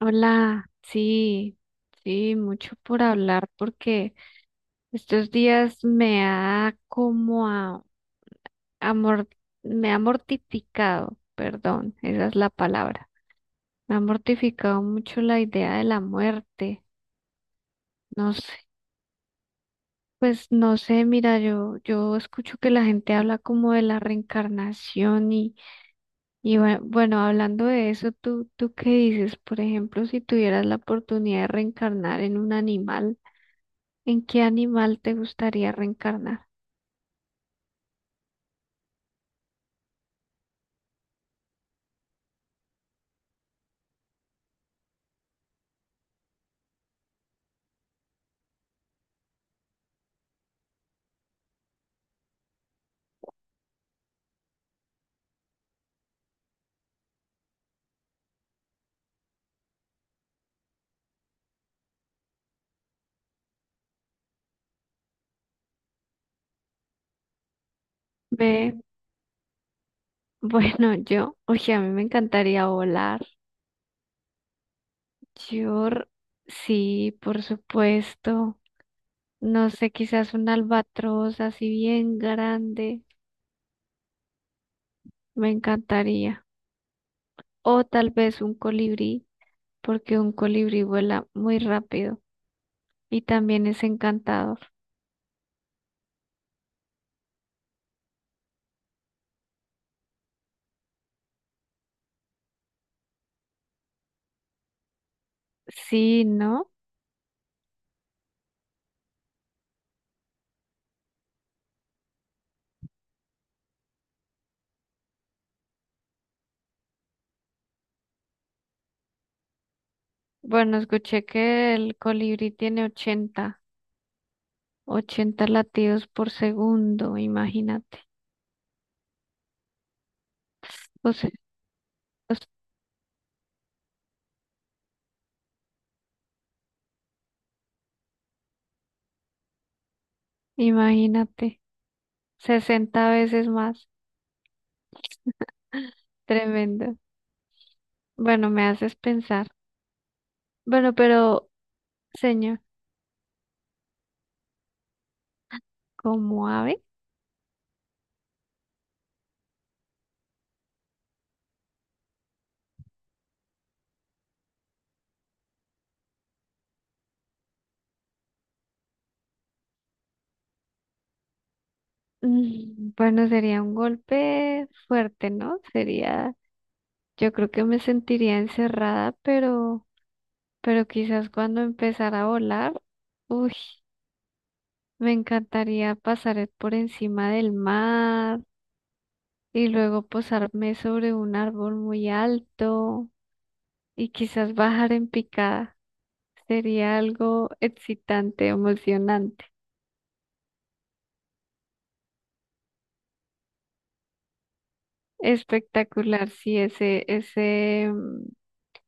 Hola, sí, sí, mucho por hablar porque estos días me ha como a mor- me ha mortificado, perdón, esa es la palabra. Me ha mortificado mucho la idea de la muerte. No sé, pues no sé, mira, yo escucho que la gente habla como de la reencarnación y bueno, hablando de eso, ¿tú qué dices? Por ejemplo, si tuvieras la oportunidad de reencarnar en un animal. ¿En qué animal te gustaría reencarnar? Ve, bueno, yo, oye, a mí me encantaría volar. Yo, r- sí, por supuesto. No sé, quizás un albatros así bien grande, me encantaría. O tal vez un colibrí, porque un colibrí vuela muy rápido y también es encantador. Sí, ¿no? Bueno, escuché que el colibrí tiene 80 latidos por segundo, imagínate. O sea, pues, imagínate, 60 veces más. Tremendo. Bueno, me haces pensar. Bueno, pero, señor, como ave, bueno, sería un golpe fuerte, ¿no? Sería, yo creo que me sentiría encerrada, pero quizás cuando empezara a volar, uy, me encantaría pasar es por encima del mar y luego posarme sobre un árbol muy alto y quizás bajar en picada. Sería algo excitante, emocionante, espectacular, sí,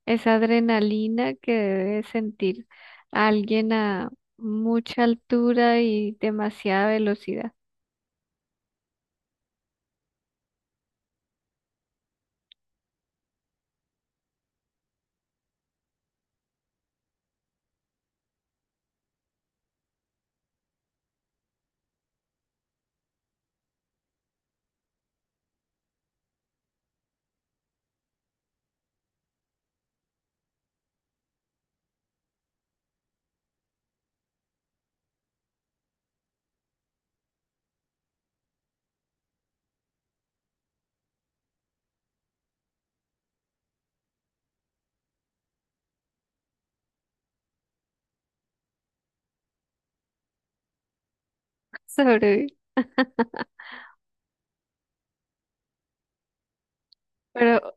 esa adrenalina que debe sentir alguien a mucha altura y demasiada velocidad. Sobrevivir. Pero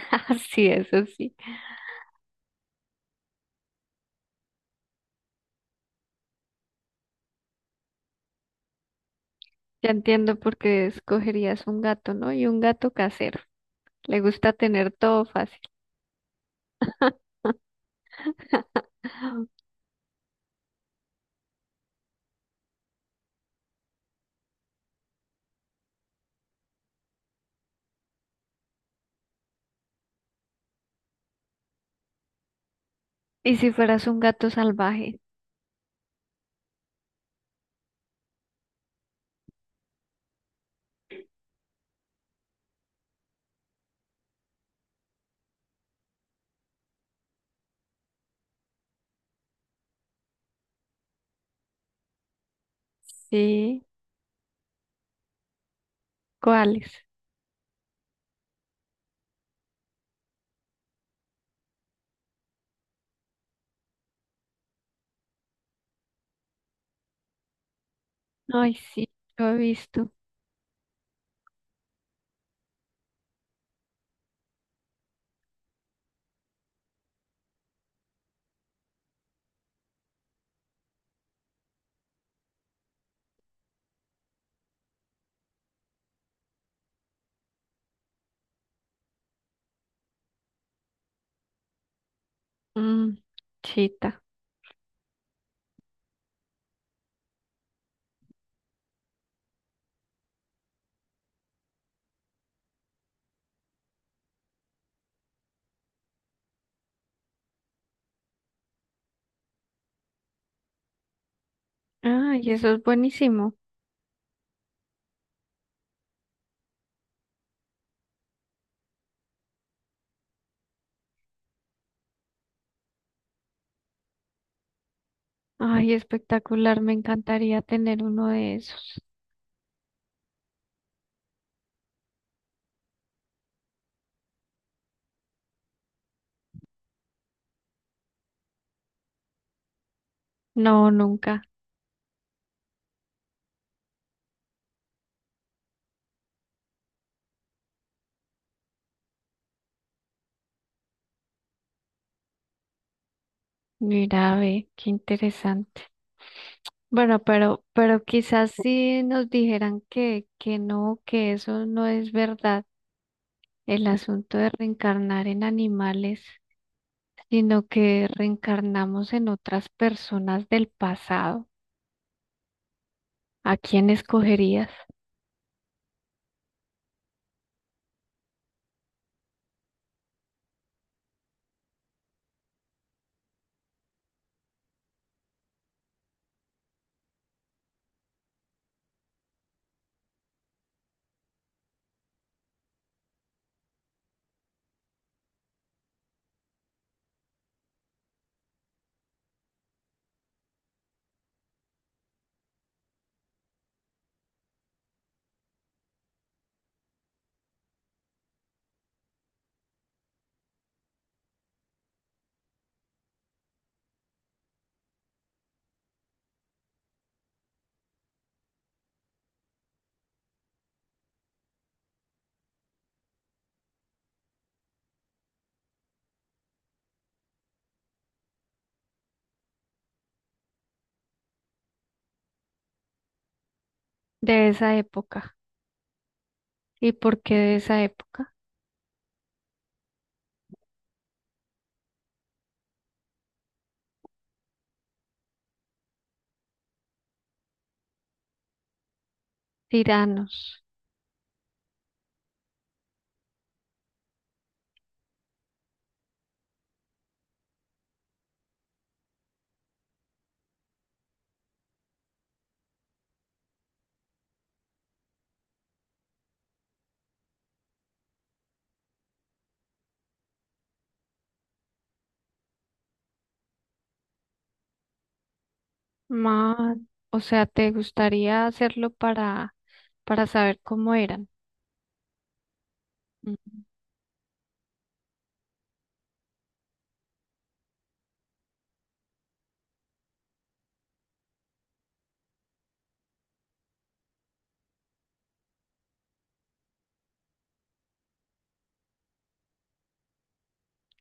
así eso sí. Ya entiendo por qué escogerías un gato, ¿no? Y un gato casero. Le gusta tener todo fácil. ¿Y si fueras un gato salvaje? Sí. ¿Cuáles? Ay, sí, lo he visto. Mm, chita. Ay, eso es buenísimo. Ay, espectacular. Me encantaría tener uno de esos. No, nunca. Mira, ve, qué interesante. Bueno, pero quizás si nos dijeran que no, que eso no es verdad, el asunto de reencarnar en animales, sino que reencarnamos en otras personas del pasado. ¿A quién escogerías de esa época? ¿Y por qué de esa época? Tiranos. Más, o sea, ¿te gustaría hacerlo para saber cómo eran? Ujú.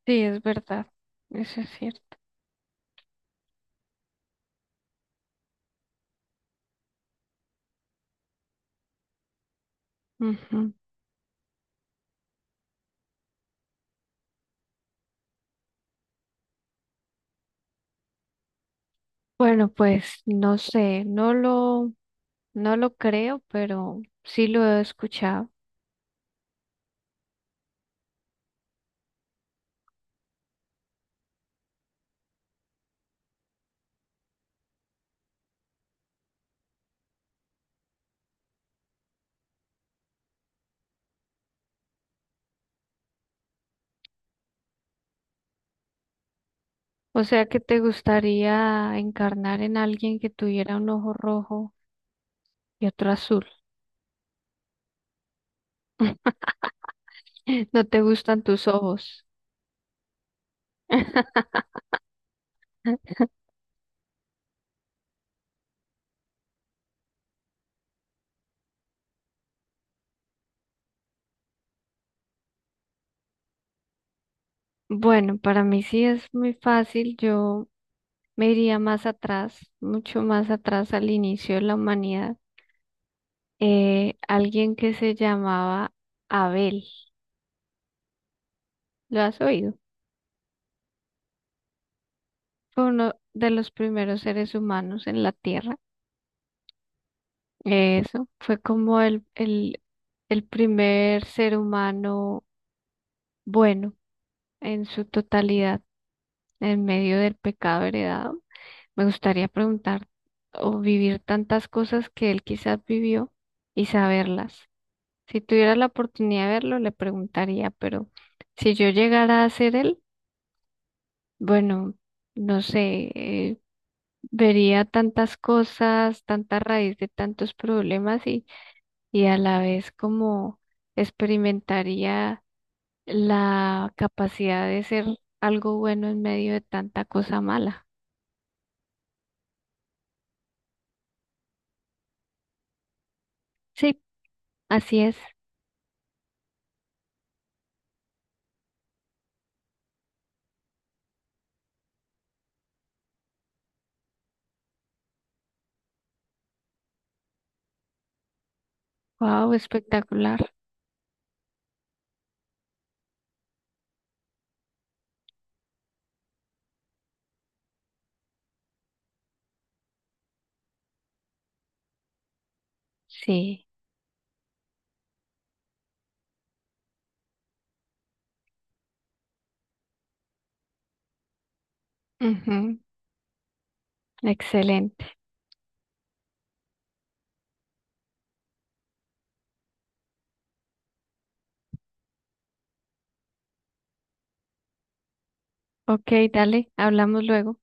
Sí, es verdad. Eso es cierto. Ujú. Bueno, pues no sé, no lo creo, pero sí lo he escuchado. O sea, que te gustaría encarnar en alguien que tuviera un ojo rojo y otro azul. No te gustan tus ojos. Bueno, para mí sí es muy fácil. Yo me iría más atrás, mucho más atrás al inicio de la humanidad. Alguien que se llamaba Abel, ¿lo has oído? Fue uno de los primeros seres humanos en la Tierra. Eso, fue como el primer ser humano bueno en su totalidad, en medio del pecado heredado. Me gustaría preguntar o vivir tantas cosas que él quizás vivió y saberlas. Si tuviera la oportunidad de verlo, le preguntaría, pero si yo llegara a ser él, bueno, no sé, vería tantas cosas, tanta raíz de tantos problemas y a la vez como experimentaría la capacidad de ser algo bueno en medio de tanta cosa mala. Sí, así es. Wow, espectacular. Sí. Ujú, excelente. Ok, dale, hablamos luego.